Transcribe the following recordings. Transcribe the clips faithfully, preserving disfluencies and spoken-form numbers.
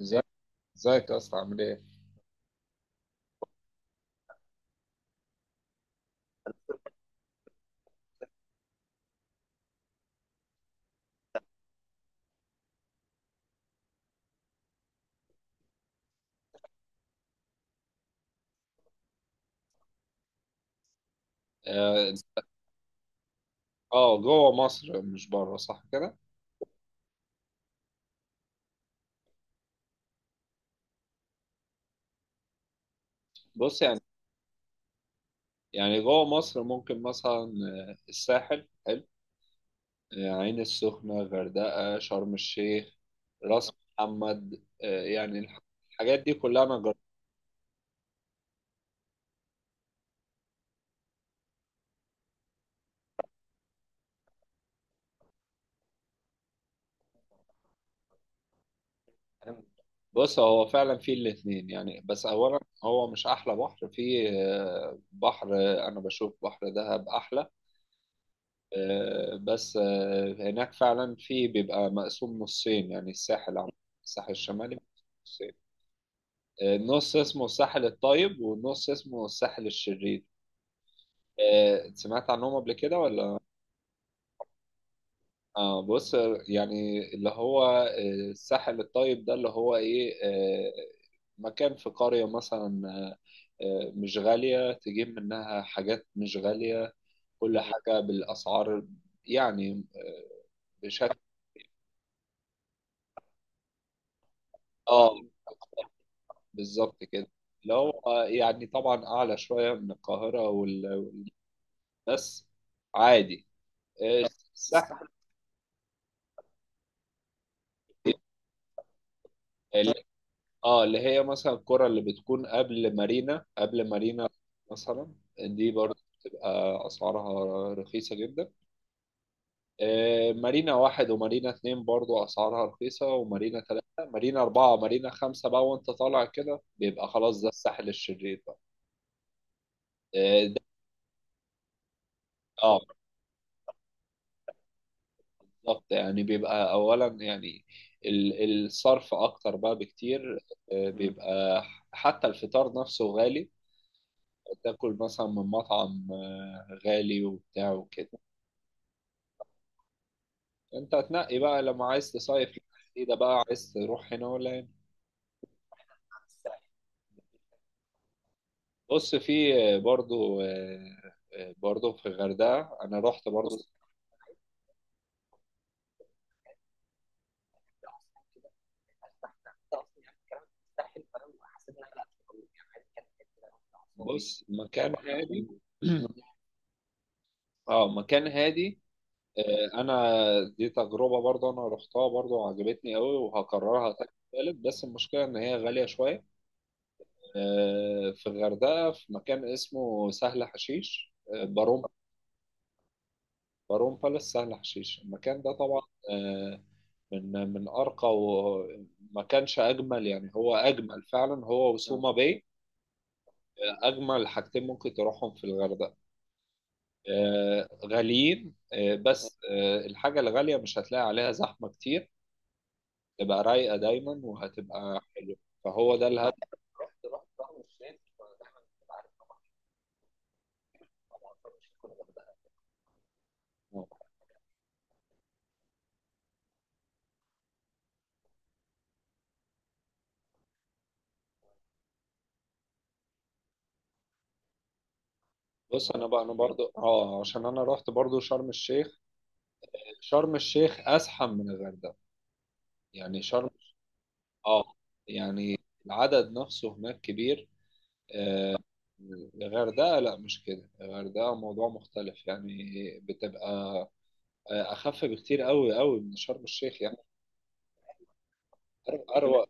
ازيك. ازيك يا اسطى عامل ايه؟ اه آه، جوه مصر مش بره صح كده؟ بص يعني يعني جوه مصر ممكن مثلا آه، الساحل حلو. آه، عين السخنة، غردقة، شرم الشيخ، راس محمد. آه، يعني الح- الحاجات دي كلها انا جربتها. بص، هو فعلا فيه الاتنين يعني، بس اولا هو مش احلى بحر فيه. آه، بحر آه، انا بشوف بحر دهب احلى. آه، بس آه، هناك فعلا في بيبقى مقسوم نصين، يعني الساحل عم الساحل الشمالي مقسوم نصين. آه، نص اسمه الساحل الطيب، ونص اسمه الساحل الشرير. آه، سمعت عنهم قبل كده ولا؟ اه بص آه، يعني اللي هو آه، الساحل الطيب ده اللي هو ايه؟ آه، مكان في قرية مثلا. آه، آه، مش غالية، تجيب منها حاجات مش غالية، كل حاجة بالأسعار يعني. آه، بشكل اه، بالظبط كده. اللي هو يعني طبعا أعلى شوية من القاهرة وال... وال- بس عادي. آه، الساحل اللي- اه، اللي هي مثلا القرى اللي بتكون قبل مارينا، قبل مارينا مثلا، دي برضه بتبقى أسعارها رخيصة جدا. آه، مارينا واحد ومارينا اتنين برضه أسعارها رخيصة، ومارينا تلاتة، مارينا أربعة، مارينا خمسة بقى وأنت طالع كده بيبقى خلاص ده الساحل الشرير بقى. اه ده- آه، بالظبط، يعني بيبقى اولا يعني ال- الصرف اكتر بقى بكتير. آه، بيبقى حتى الفطار نفسه غالي، تاكل مثلا من مطعم آه، غالي وبتاع وكده. انت تنقي بقى لما عايز تصيف جديدة بقى، عايز تروح هنا ولا هنا. بص، في آه، برضو آه، آه، برضو في الغردقة انا رحت برضو. بص، مكان هادي، اه، مكان هادي. آه، انا دي تجربه برضه انا رحتها برضه وعجبتني قوي وهكررها تاني وتالت، بس المشكله ان هي غاليه شويه. آه، في الغردقه في مكان اسمه سهل حشيش، آه، بارون بارون بالاس، سهل حشيش المكان ده طبعا آه، من من ارقى وما كانش اجمل، يعني هو اجمل فعلا، هو آه. وسوما باي اجمل حاجتين ممكن تروحهم في الغردقه. آه، غاليين، آه، بس آه، الحاجه الغاليه مش هتلاقي عليها زحمه كتير، تبقى رايقة دايما وهتبقى حلوة، فهو ده الهدف. بص انا بقى، انا برضو اه عشان انا رحت برضو شرم الشيخ. شرم الشيخ ازحم من الغردقة، يعني شرم، اه يعني العدد نفسه هناك كبير. آه، الغردقة لا، مش كده، الغردقة موضوع مختلف يعني، بتبقى آه، أخف بكتير قوي قوي من شرم الشيخ يعني. أروق أروق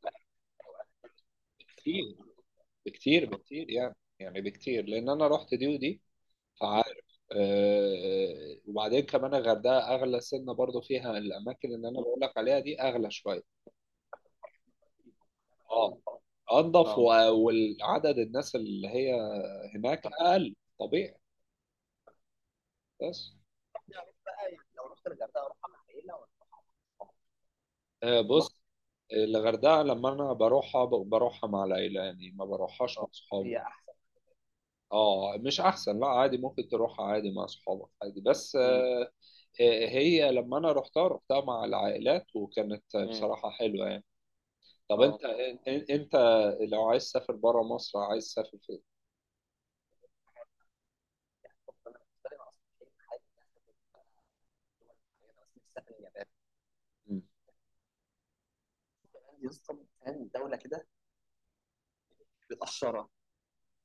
بكتير، بكتير بكتير يعني، يعني بكتير، لأن أنا رحت دي ودي، عارف؟ آه، وبعدين كمان الغردقه اغلى سنه، برضو فيها الاماكن اللي انا بقول لك عليها دي اغلى شويه. اه انضف، اه و- والعدد الناس اللي هي هناك اقل، طبيعي. بس آه، بص الغردقه لما انا بروحها ب- بروحها مع العيله، يعني ما بروحهاش مع آه، صحابي، هي احسن. اه مش احسن، لا عادي، ممكن تروحها عادي مع اصحابك عادي، بس مم. آه، آه، هي لما انا رحتها، رحتها مع العائلات وكانت مم. بصراحه حلوه. طب اه انت اه ان- انت لو عايز تسافر بره مصر، عايز تسافر فين؟ مم.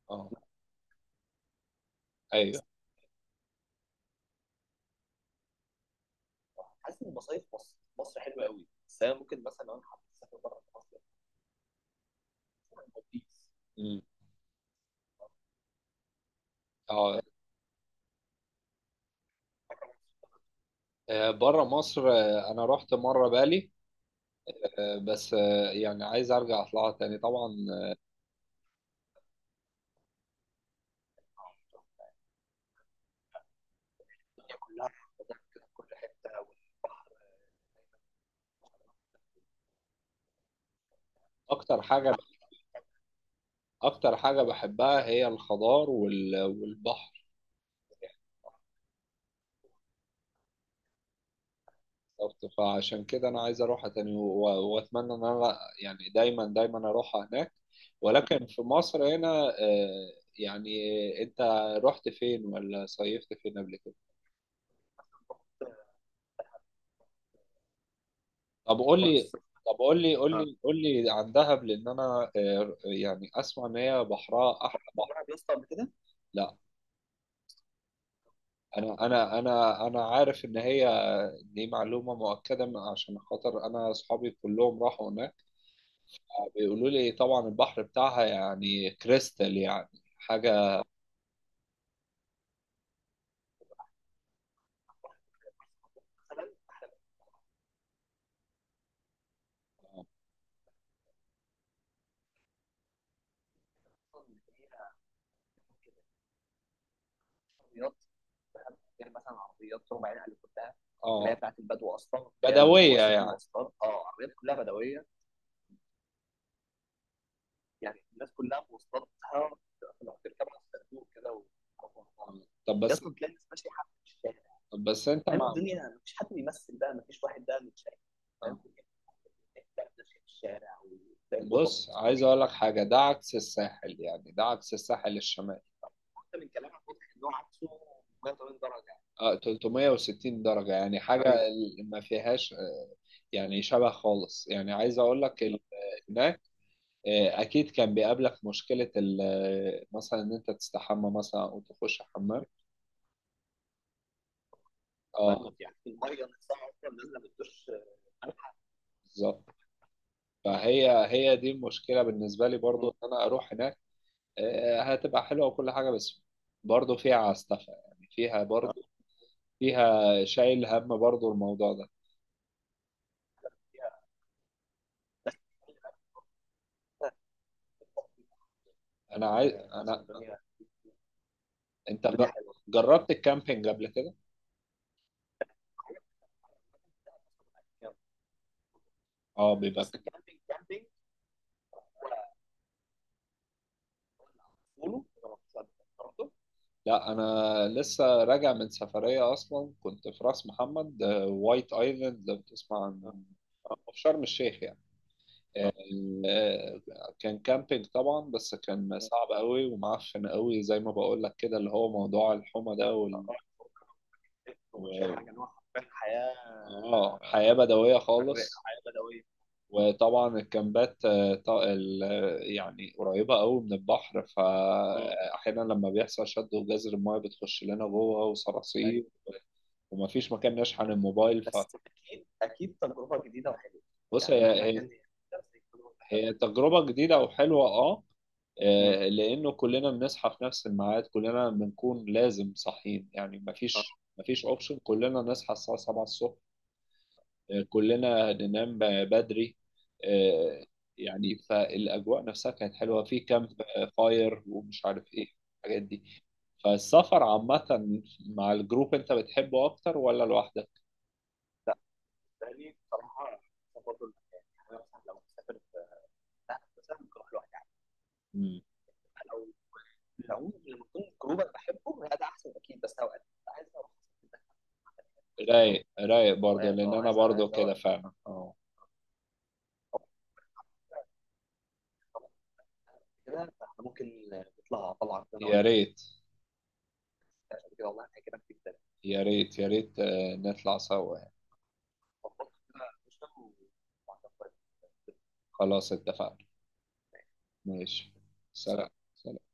اه ايوه. مم. اه بره مصر، آه، انا رحت مره بالي، آه، بس آه، يعني عايز ارجع اطلعها تاني طبعا. آه، اكتر حاجه اكتر حاجه بحبها هي الخضار وال- والبحر. بالظبط. فعشان كده انا عايز اروحها تاني و- واتمنى ان انا يعني دايما دايما اروحها هناك، ولكن في مصر هنا آه، يعني انت رحت فين ولا صيفت فين قبل كده؟ طب قول لي، طب قول لي قول لي قول لي عن دهب، لان انا آه، يعني اسمع ان هي بحرها احلى بحر. لا، انا انا انا انا عارف ان هي، دي معلومه مؤكده من- عشان خاطر انا اصحابي كلهم راحوا هناك، بيقولوا لي طبعا البحر بتاعها يعني كريستال يعني، حاجه اللي هي، اه بدويه يعني. طب بس حافية، بس انت مع آه. بص، عايز اقول لك حاجه، ده عكس الساحل يعني، ده عكس الساحل الشمالي. اه ثلاث مية وستين درجه يعني، حاجه ايوه. ال- ما فيهاش آه، يعني شبه خالص، يعني عايز اقول لك ال- هناك آه، اكيد كان بيقابلك مشكله ال- آه، مثلا ان انت تستحمى مثلا او تخش حمام. اه بالظبط. فهي هي دي المشكله بالنسبه لي برضو ان انا اروح هناك. آه، هتبقى حلوة وكل حاجة، بس برضه فيها عستفة يعني، فيها برضه، فيها شايل هم برضه الموضوع ده. أنا عايز، أنا، أنت جر- حلوه، جربت الكامبينج قبل كده؟ أه بيبقى، لا أنا لسه راجع من سفرية أصلا، كنت في راس محمد، آه، وايت أيلاند لو تسمع اه عن، في شرم الشيخ يعني. آه. آه، كان كامبينج طبعا، بس كان صعب قوي ومعفن قوي زي ما بقول لك كده، اللي هو موضوع الحمى ده. اه حياة بدوية حراقه خالص. وطبعا الكامبات آه، ط- ال- آه، يعني قريبة قوي من البحر، مم. فأحيانا لما بيحصل شد وجزر، المايه بتخش لنا جوه، ايوه، وصراصير، ايوه، ومفيش مكان نشحن الموبايل. ف، بص هي يعني، هي، هي تجربة جديدة وحلوة، اه. مم. آه، لأنه كلنا بنصحى في نفس الميعاد، كلنا بنكون لازم صاحيين يعني. آه. مفيش، مفيش أوبشن، كلنا نصحى الساعة سبعة الصبح. آه، كلنا ننام ب- بدري. آه، يعني فالأجواء نفسها كانت حلوة، في كامب فاير ومش عارف إيه الحاجات دي. فالسفر عامة مع الجروب، أنت بتحبه أكتر ولا لوحدك؟ مم. رايق، رايق برضه، رايق لأن اه أنا عايز، عايز برضه اقول كده اقول فعلا، اه. يا ريت، يا ريت، يا ريت آه، نطلع سوا يعني. خلاص، اتفقنا. ماشي. سلام. سلام. سلام.